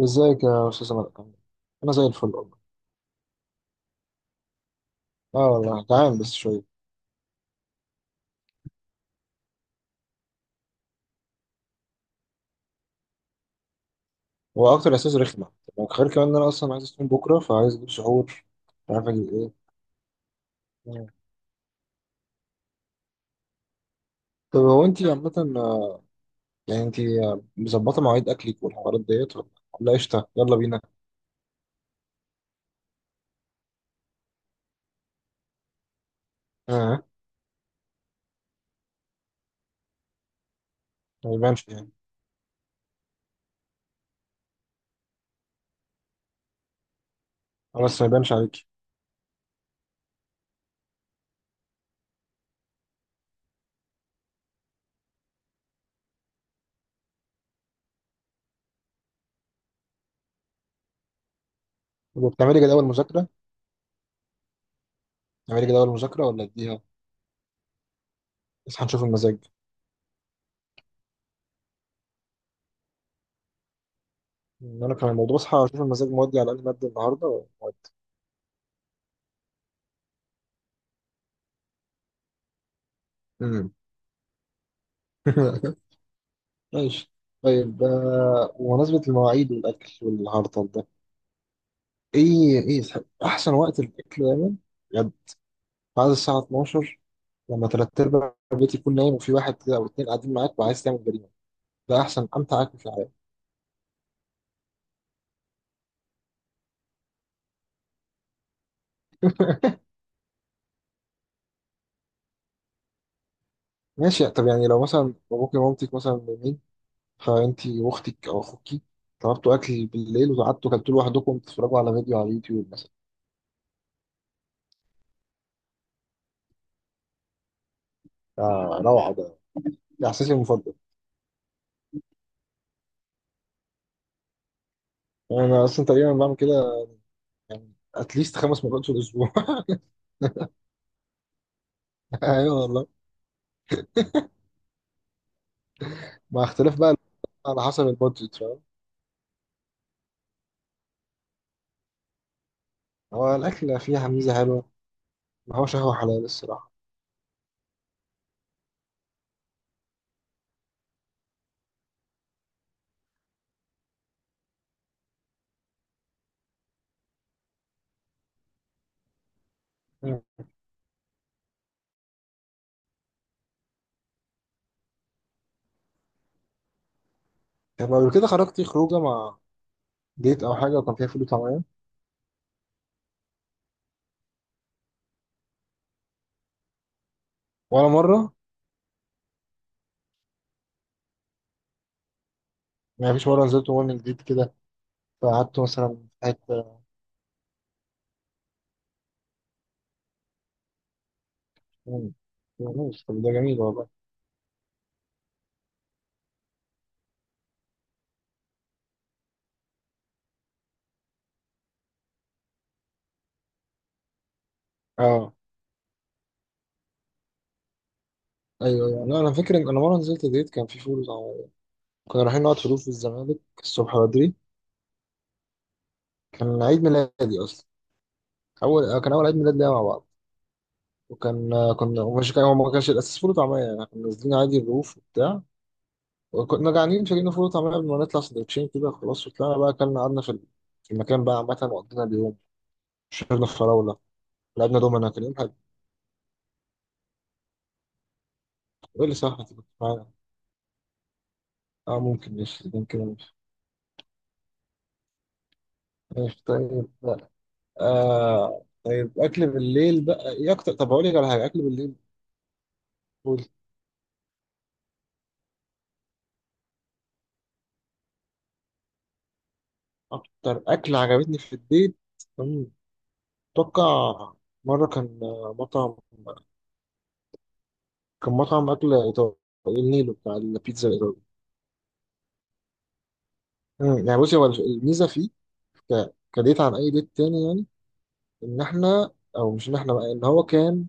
ازيك يا استاذ عمر. انا زي الفل والله. اه والله جعان بس شويه. هو اكتر احساس رخمه، وغير كمان ان انا اصلا عايز اصوم بكره فعايز اجيب سحور. مش عارف اجيب ايه. مم. طب هو انت عامه، آه، يعني انت، مظبطه مواعيد اكلك والحوارات ديت، ولا قشطه يلا بينا؟ اه، ما يبانش يعني. بس ما يبانش عليكي. طب وبتعملي جدول مذاكره؟ بتعملي جدول مذاكره ولا اديها اصحى نشوف المزاج؟ إن انا كان الموضوع اصحى اشوف المزاج مودي على اي ماده النهارده ومودي. مم. ماشي. طيب، بمناسبة المواعيد والأكل والهرطل ده، إيه يسحب؟ أحسن وقت للأكل دايما، بجد، بعد الساعة 12، لما تلات أرباع البيت يكون نايم وفي واحد كده أو اتنين قاعدين معاك وعايز تعمل جريمة. ده أحسن أمتع أكل في الحياة. ماشي. طب يعني لو مثلا باباكي ومامتك مثلا نايمين، فأنتي وأختك أو أخوكي طلبتوا أكل بالليل وقعدتوا كلتوا لوحدكم تتفرجوا على فيديو على اليوتيوب مثلا. روعة ده. ده إحساسي المفضل. أنا أصلا تقريبا بعمل كده، يعني أتليست خمس مرات في الأسبوع. ايوه والله، مع اختلاف بقى، على حسب البادجت، فاهم؟ هو الاكل فيها ميزه حلوه، ما هوش قهوه حلال الصراحه. مم. طب قبل كده خرجتي خروجه مع ديت او حاجه وكان فيها فول وطعميه؟ ولا مره؟ يعني مفيش مره نزلت مول من جديد كده، فقعدت مثلا في حته؟ مم. ماشي. طب ده جميل والله. اه، ايوه ايوه، لا انا فاكر ان انا مره نزلت ديت كان في فول وطعميه. كنا رايحين نقعد في روف الزمالك الصبح بدري. كان عيد ميلادي اصلا. كان اول عيد ميلاد ليا مع بعض، وكان، كنا ومش كان هو ما كانش الاساس فول وطعميه يعني، كنا نازلين عادي الرؤوف وبتاع، وكنا جعانين فجبنا فول وطعميه قبل ما نطلع سندوتشين كده، خلاص وطلعنا بقى اكلنا، قعدنا في في المكان بقى عامه وقضينا اليوم. شربنا فراوله، لعبنا دومنا، كان يوم حلو. ايه اللي صح تبقى معانا. اه ممكن، ماشي ممكن، ماشي. ماشي، طيب لا. آه طيب، اكل بالليل بقى ايه اكتر؟ طب اقول لك على حاجه اكل بالليل. قول. اكتر اكل عجبتني في البيت، أمم، اتوقع مره كان، مطعم، كان مطعم أكل إيطالي، النيلو بتاع البيتزا الإيطالي. يعني بصي، هو الميزة فيه كديت عن أي ديت تاني يعني، إن إحنا أو مش إن إحنا بقى إن هو كان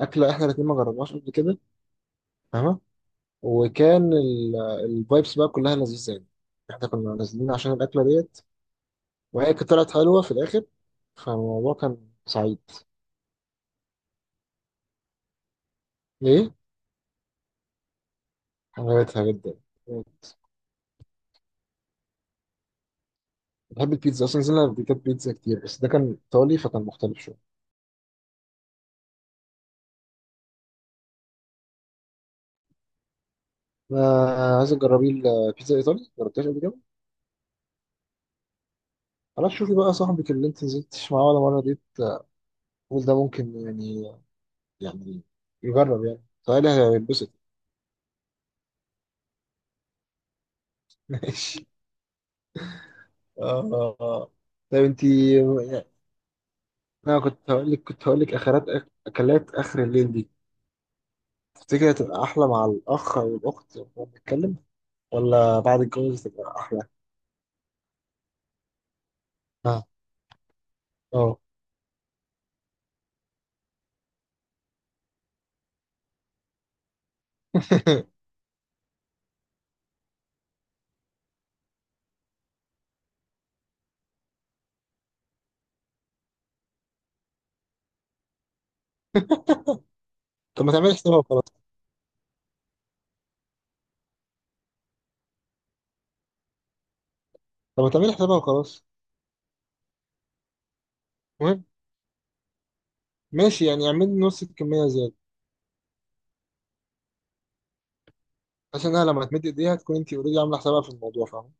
أكلة إحنا الاتنين ما جربناش قبل كده، فاهمة؟ وكان الفايبس بقى كلها لذيذة يعني، إحنا كنا نازلين عشان الأكلة ديت، وهي كانت طلعت حلوة في الآخر، فالموضوع كان سعيد. ليه؟ عجبتها جدا. بحب البيتزا أصلا، نزلنا بيتزا كتير، بس ده كان إيطالي فكان مختلف شوية. ما عايز تجربي البيتزا الإيطالي؟ جربتهاش قبل كده؟ خلاص شوفي بقى، صاحبك اللي انت نزلتش معاه ولا مرة دي، تقول ده ممكن يعني، يعني يجرب. يعني سؤالي هيتبسط. ماشي. اه آه. طيب انت، انا كنت هقول لك، كنت هقول لك، اخرات اكلات اخر الليل دي، تفتكر هتبقى احلى مع الاخ او الاخت وهو بيتكلم، ولا بعد الجواز تبقى احلى؟ اه. اه. طب ما تعملي حسابها وخلاص. طب ما تعملي حسابها وخلاص. المهم، ماشي يعني اعملي نص الكمية زيادة، عشان انا لما تمد ايديها تكون انت اوريدي عاملة حسابها في الموضوع، فاهمة؟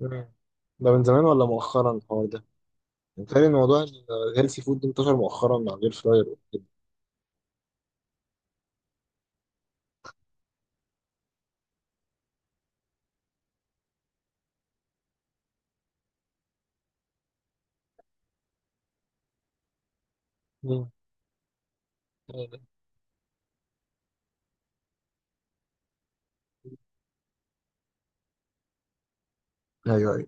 مم. ده من زمان ولا مؤخرا الحوار ده؟ متهيألي إن موضوع الهيلثي فود ده انتشر مؤخرا مع الاير فراير وكده. مم. أيوة. ايوه ايوه،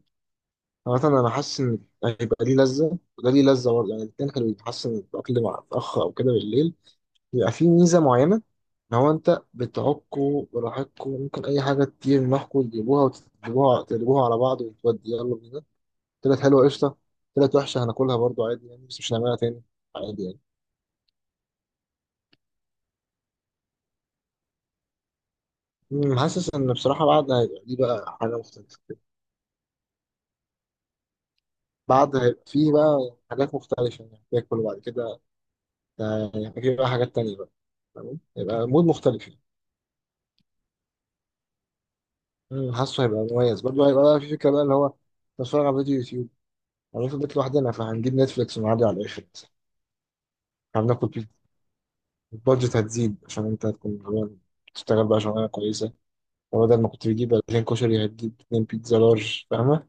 مثلا انا حاسس ان هيبقى ليه لذه وده ليه لذه برضه يعني، الاثنين، كانوا حاسس ان الاكل مع الاخ او كده بالليل بيبقى فيه ميزه معينه، ان هو انت بتعكوا براحتكوا، ممكن اي حاجه تطير معاكوا تجيبوها، وتقلبوها على بعض، وتودي يلا بينا. طلعت حلوه قشطه، طلعت وحشه هناكلها برضه عادي يعني بس مش هنعملها تاني، عادي يعني. مم، حاسس ان بصراحه، بعد هيبقى دي بقى حاجه مختلفه، بعد هيبقى فيه بقى حاجات مختلفه يعني، تاكل وبعد كده، هيبقى فيه بقى حاجات تانية بقى، تمام هيبقى مود مختلف يعني. مم، حاسه هيبقى مميز برضه، هيبقى بقى في فكره بقى اللي هو نتفرج على فيديو يوتيوب، هنروح في البيت لوحدنا فهنجيب نتفليكس ونعدي على الاخر مثلا. هناكل بيتزا. البادجت هتزيد عشان انت هتكون غلبان. تشتغل بقى شغلانه كويسه، وبدل ما كنت بتجيب 2000 كشري هتجيب 2 بيتزا لارج، فاهمه؟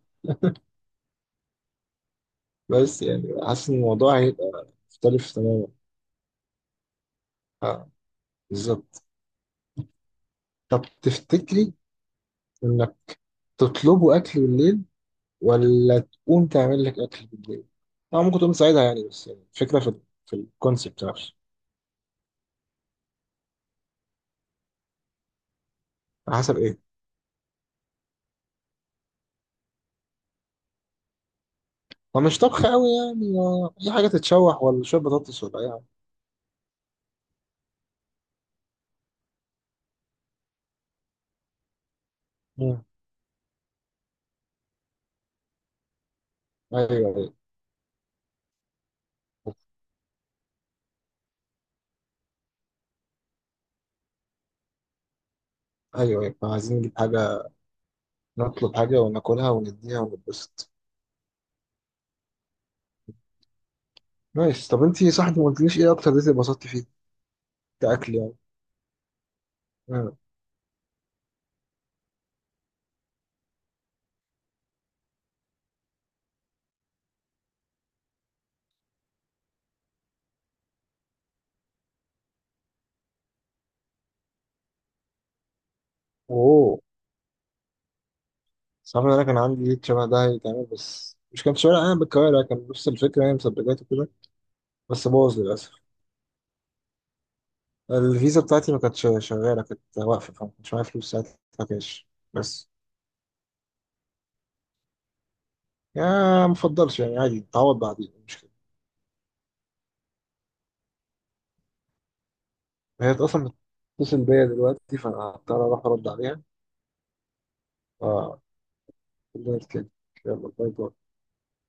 بس يعني حاسس ان الموضوع هيبقى مختلف تماما. اه بالظبط. طب تفتكري انك تطلبوا اكل بالليل، ولا تقوم تعمل لك اكل بالليل؟ اه ممكن تقوم تساعدها يعني، بس يعني الفكره في في الكونسيبت نفسه. على حسب ايه؟ هو مش طبخ قوي يعني، اي حاجه تتشوح ولا شويه بطاطس ولا اي حاجه. مم. ايوه ايوه ايوه ايوه احنا عايزين نجيب حاجه، نطلب حاجه وناكلها ونديها ونتبسط. نايس. طب انتي صح، انت ما قلتليش ايه اكتر ديت اتبسطتي فيه كاكل يعني. مم. اوه. صعب ان انا كان عندي ليد شبه ده هيتعمل، بس مش كان شبه، انا بالكوارع كان نفس الفكره يعني، مسبجات وكده، بس باظ للاسف. الفيزا بتاعتي ما كانتش شغاله، كانت واقفه، فما كانش معايا فلوس ساعتها كاش بس. يا ما افضلش يعني، عادي تعوض بعدين، مش كده؟ هي اصلا بتتصل بيا دلوقتي فانا هضطر اروح ارد عليها. ف كده يلا، باي باي.